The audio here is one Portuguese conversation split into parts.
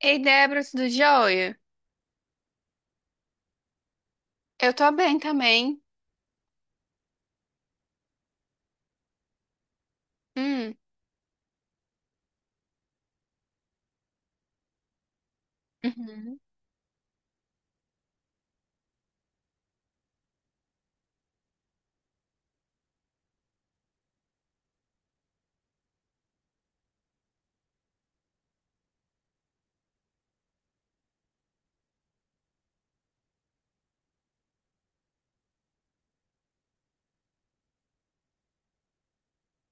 Ei, Débora, tudo jóia? Eu tô bem também. Hum. Uhum.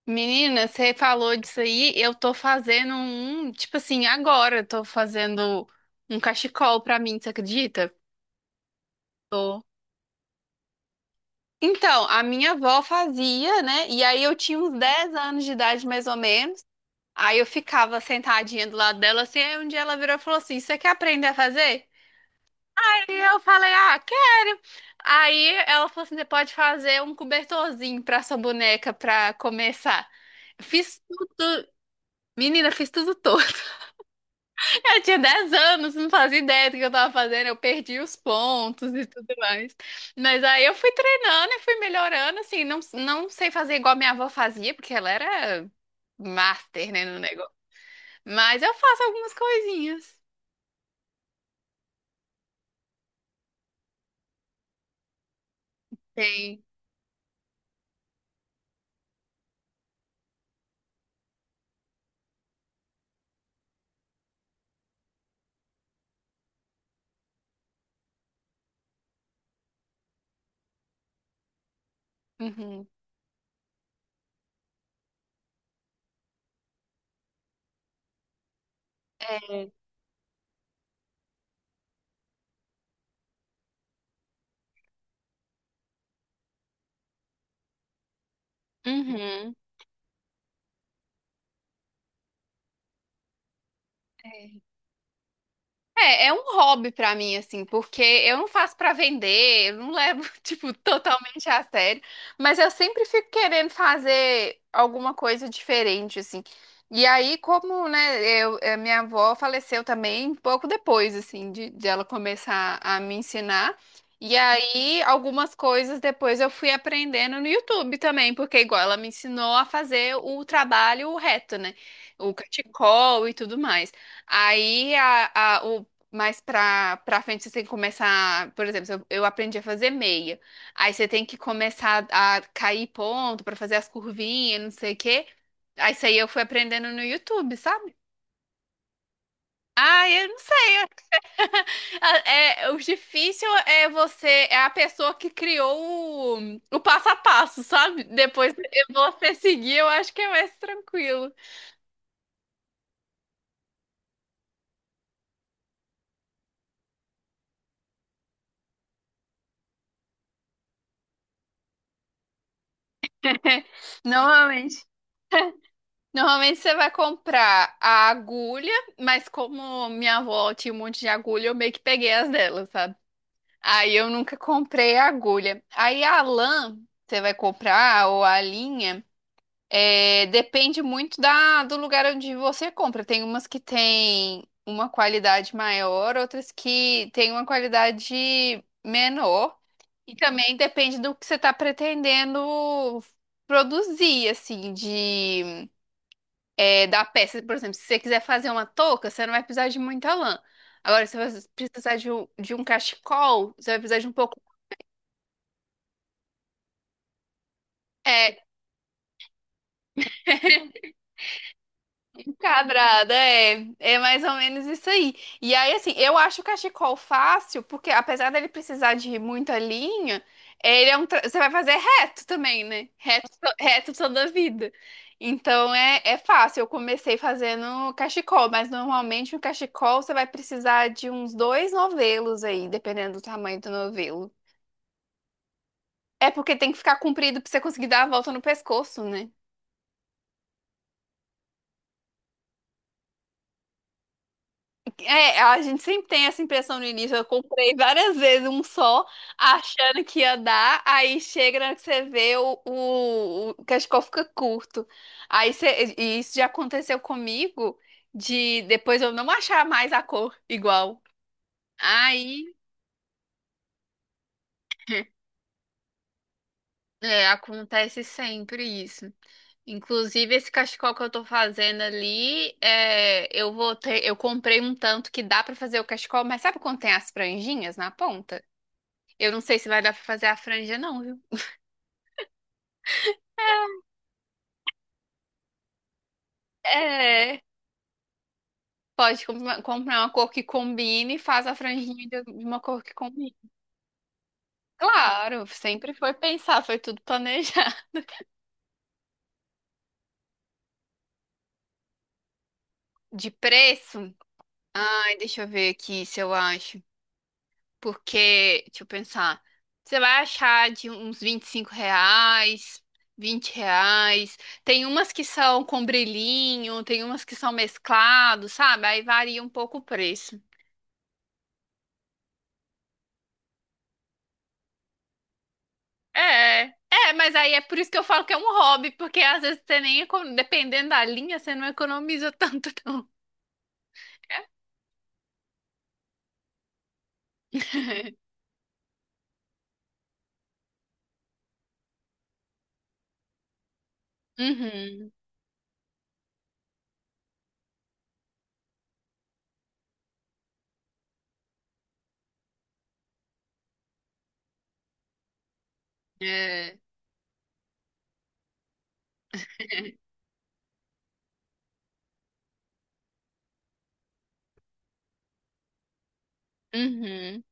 Menina, você falou disso aí, eu tô fazendo um, tipo assim, agora eu tô fazendo um cachecol pra mim, você acredita? Tô. Então, a minha avó fazia, né? E aí eu tinha uns 10 anos de idade, mais ou menos. Aí eu ficava sentadinha do lado dela, assim, aí um dia ela virou e falou assim, você quer aprender a fazer? E eu falei, ah, quero. Aí ela falou assim: você pode fazer um cobertorzinho pra sua boneca pra começar. Fiz tudo, menina, fiz tudo todo. Eu tinha 10 anos, não fazia ideia do que eu tava fazendo, eu perdi os pontos e tudo mais. Mas aí eu fui treinando e fui melhorando, assim, não, não sei fazer igual minha avó fazia, porque ela era master, né, no negócio. Mas eu faço algumas coisinhas. Tem. Uhum. É. Uhum. É, um hobby pra mim, assim, porque eu não faço pra vender, eu não levo, tipo, totalmente a sério, mas eu sempre fico querendo fazer alguma coisa diferente, assim. E aí, como, né, minha avó faleceu também pouco depois, assim, de ela começar a me ensinar. E aí, algumas coisas depois eu fui aprendendo no YouTube também, porque igual ela me ensinou a fazer o trabalho reto, né? O cachecol e tudo mais. Aí a- o mas pra frente você tem que começar, por exemplo, eu aprendi a fazer meia. Aí você tem que começar a cair ponto pra fazer as curvinhas, não sei o quê. Aí isso aí eu fui aprendendo no YouTube, sabe? Ah, eu não sei. Ah, é, o difícil é você, é a pessoa que criou o passo a passo, sabe? Depois eu vou seguir, eu acho que é mais tranquilo. Normalmente. Normalmente você vai comprar a agulha, mas como minha avó tinha um monte de agulha, eu meio que peguei as dela, sabe? Aí eu nunca comprei a agulha. Aí a lã, você vai comprar, ou a linha, é, depende muito do lugar onde você compra. Tem umas que tem uma qualidade maior, outras que tem uma qualidade menor. E também depende do que você está pretendendo produzir, assim, da peça. Por exemplo, se você quiser fazer uma touca, você não vai precisar de muita lã. Agora, se você precisar de um cachecol, você vai precisar de um pouco. É. Quadrada, é. É mais ou menos isso aí. E aí, assim, eu acho o cachecol fácil, porque apesar dele precisar de muita linha. É, ele é um. Tra- Você vai fazer reto também, né? Reto, reto toda a vida. Então é fácil. Eu comecei fazendo cachecol, mas normalmente um cachecol você vai precisar de uns dois novelos aí, dependendo do tamanho do novelo. É porque tem que ficar comprido pra você conseguir dar a volta no pescoço, né? É, a gente sempre tem essa impressão no início. Eu comprei várias vezes um só, achando que ia dar, aí chega na hora que você vê o cachecol fica curto. E isso já aconteceu comigo de depois eu não achar mais a cor igual. Aí é, acontece sempre isso. Inclusive, esse cachecol que eu tô fazendo ali, eu comprei um tanto que dá pra fazer o cachecol, mas sabe quando tem as franjinhas na ponta? Eu não sei se vai dar pra fazer a franja, não, viu? É, pode comprar uma cor que combine e faz a franjinha de uma cor que combine. Claro, sempre foi pensar, foi tudo planejar. De preço? Ai, deixa eu ver aqui se eu acho. Porque, deixa eu pensar. Você vai achar de uns R$ 25, R$ 20. Tem umas que são com brilhinho, tem umas que são mesclados, sabe? Aí varia um pouco o preço. É, é, mas aí é por isso que eu falo que é um hobby, porque às vezes você nem, econo- dependendo da linha, você não economiza tanto, não. Uhum. É. Uhum.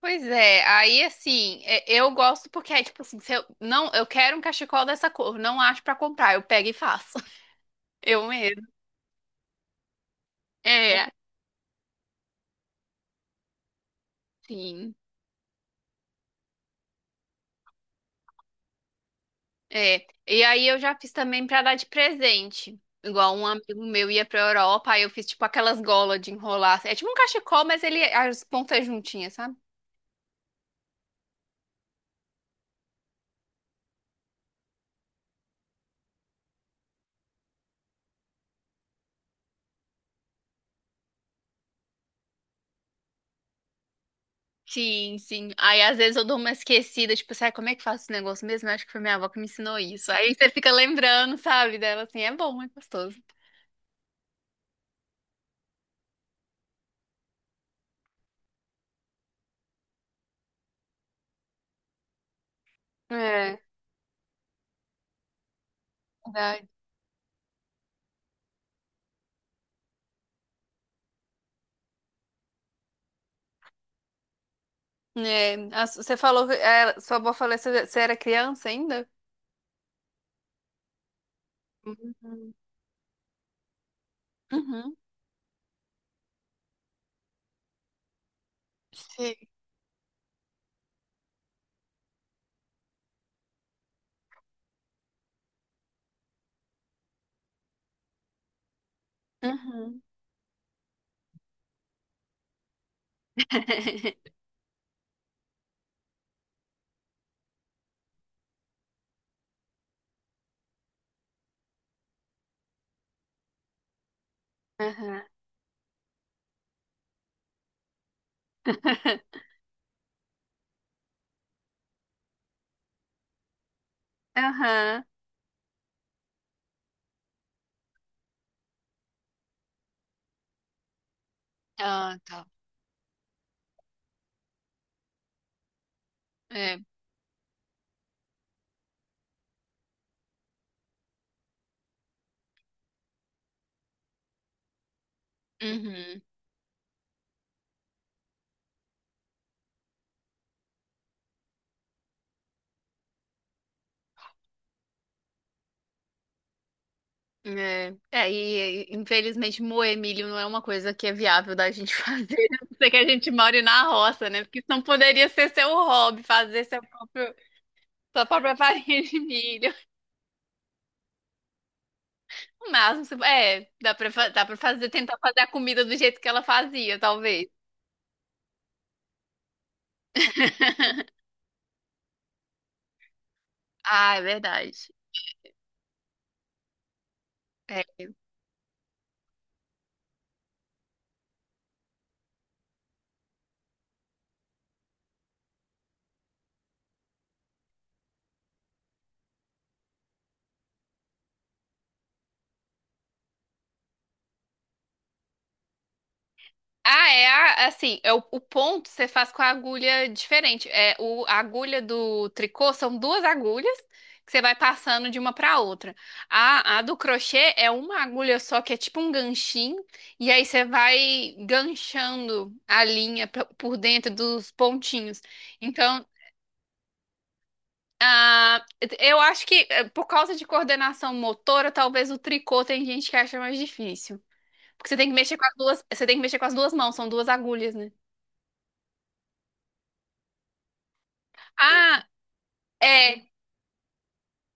Pois é, aí assim, eu gosto porque é tipo assim, se eu não, eu quero um cachecol dessa cor, não acho pra comprar, eu pego e faço. Eu mesmo. É, sim. É, e aí eu já fiz também pra dar de presente. Igual um amigo meu ia pra Europa, aí eu fiz tipo aquelas golas de enrolar. Assim, é tipo um cachecol, mas ele as pontas juntinhas, sabe? Sim, sim. Aí às vezes eu dou uma esquecida, tipo, sabe como é que faço esse negócio mesmo? Eu acho que foi minha avó que me ensinou isso. Aí você fica lembrando, sabe, dela assim, é bom, é gostoso. É, verdade. É, você falou que é, sua avó falou que você era criança ainda? Uhum. Uhum. Sim. Uhum. Aham. Aham. Ah, tá. É. Uhum. É. É, e, infelizmente moer milho não é uma coisa que é viável da gente fazer, a não ser que a gente more na roça, né? Porque senão poderia ser seu hobby, fazer sua própria farinha de milho. O máximo, dá pra fazer, tentar fazer a comida do jeito que ela fazia, talvez. Ah, é verdade. Ah, é assim, é o ponto você faz com a agulha diferente. É a agulha do tricô são duas agulhas que você vai passando de uma para outra. A do crochê é uma agulha só que é tipo um ganchinho e aí você vai ganchando a linha por dentro dos pontinhos. Então, ah, eu acho que por causa de coordenação motora, talvez o tricô tem gente que acha mais difícil. Porque você tem que mexer com as duas mãos, são duas agulhas, né? Ah, É,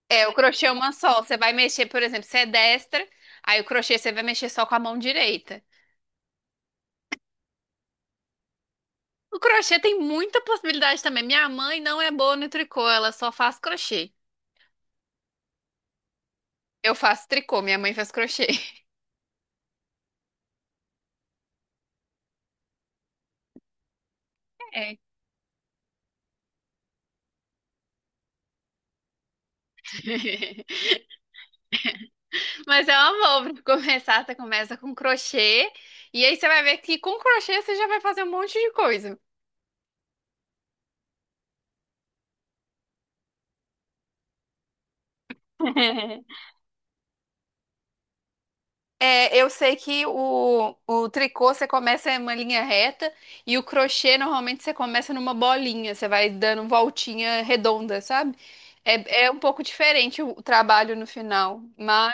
é, o crochê é uma só. Você vai mexer, por exemplo, você é destra, aí o crochê você vai mexer só com a mão direita. O crochê tem muita possibilidade também. Minha mãe não é boa no tricô, ela só faz crochê. Eu faço tricô, minha mãe faz crochê. É. Mas é uma boa pra começar, você começa com crochê, e aí você vai ver que com crochê você já vai fazer um monte de coisa. É, eu sei que o tricô você começa em uma linha reta e o crochê normalmente você começa numa bolinha, você vai dando voltinha redonda, sabe? É, é um pouco diferente o trabalho no final, mas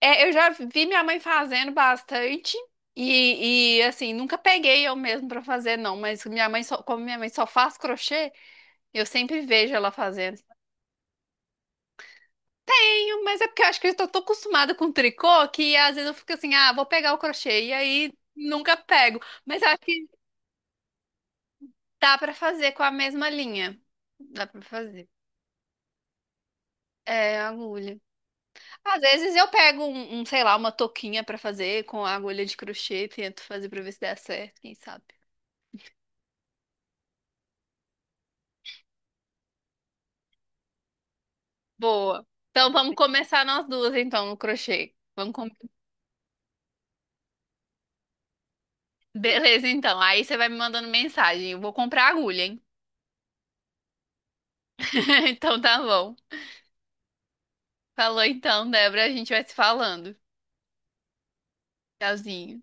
eu já vi minha mãe fazendo bastante e, assim, nunca peguei eu mesmo pra fazer não, mas como minha mãe só faz crochê, eu sempre vejo ela fazendo. Mas é porque eu acho que eu tô tão acostumada com tricô que às vezes eu fico assim, ah, vou pegar o crochê e aí nunca pego. Mas eu acho que dá pra fazer com a mesma linha. Dá pra fazer. É, agulha. Às vezes eu pego um, sei lá, uma touquinha pra fazer com a agulha de crochê e tento fazer pra ver se dá certo, quem sabe. Boa. Então vamos começar nós duas então no crochê. Vamos com. Beleza, então. Aí você vai me mandando mensagem. Eu vou comprar agulha, hein? Então tá bom. Falou então, Débora, a gente vai se falando. Tchauzinho.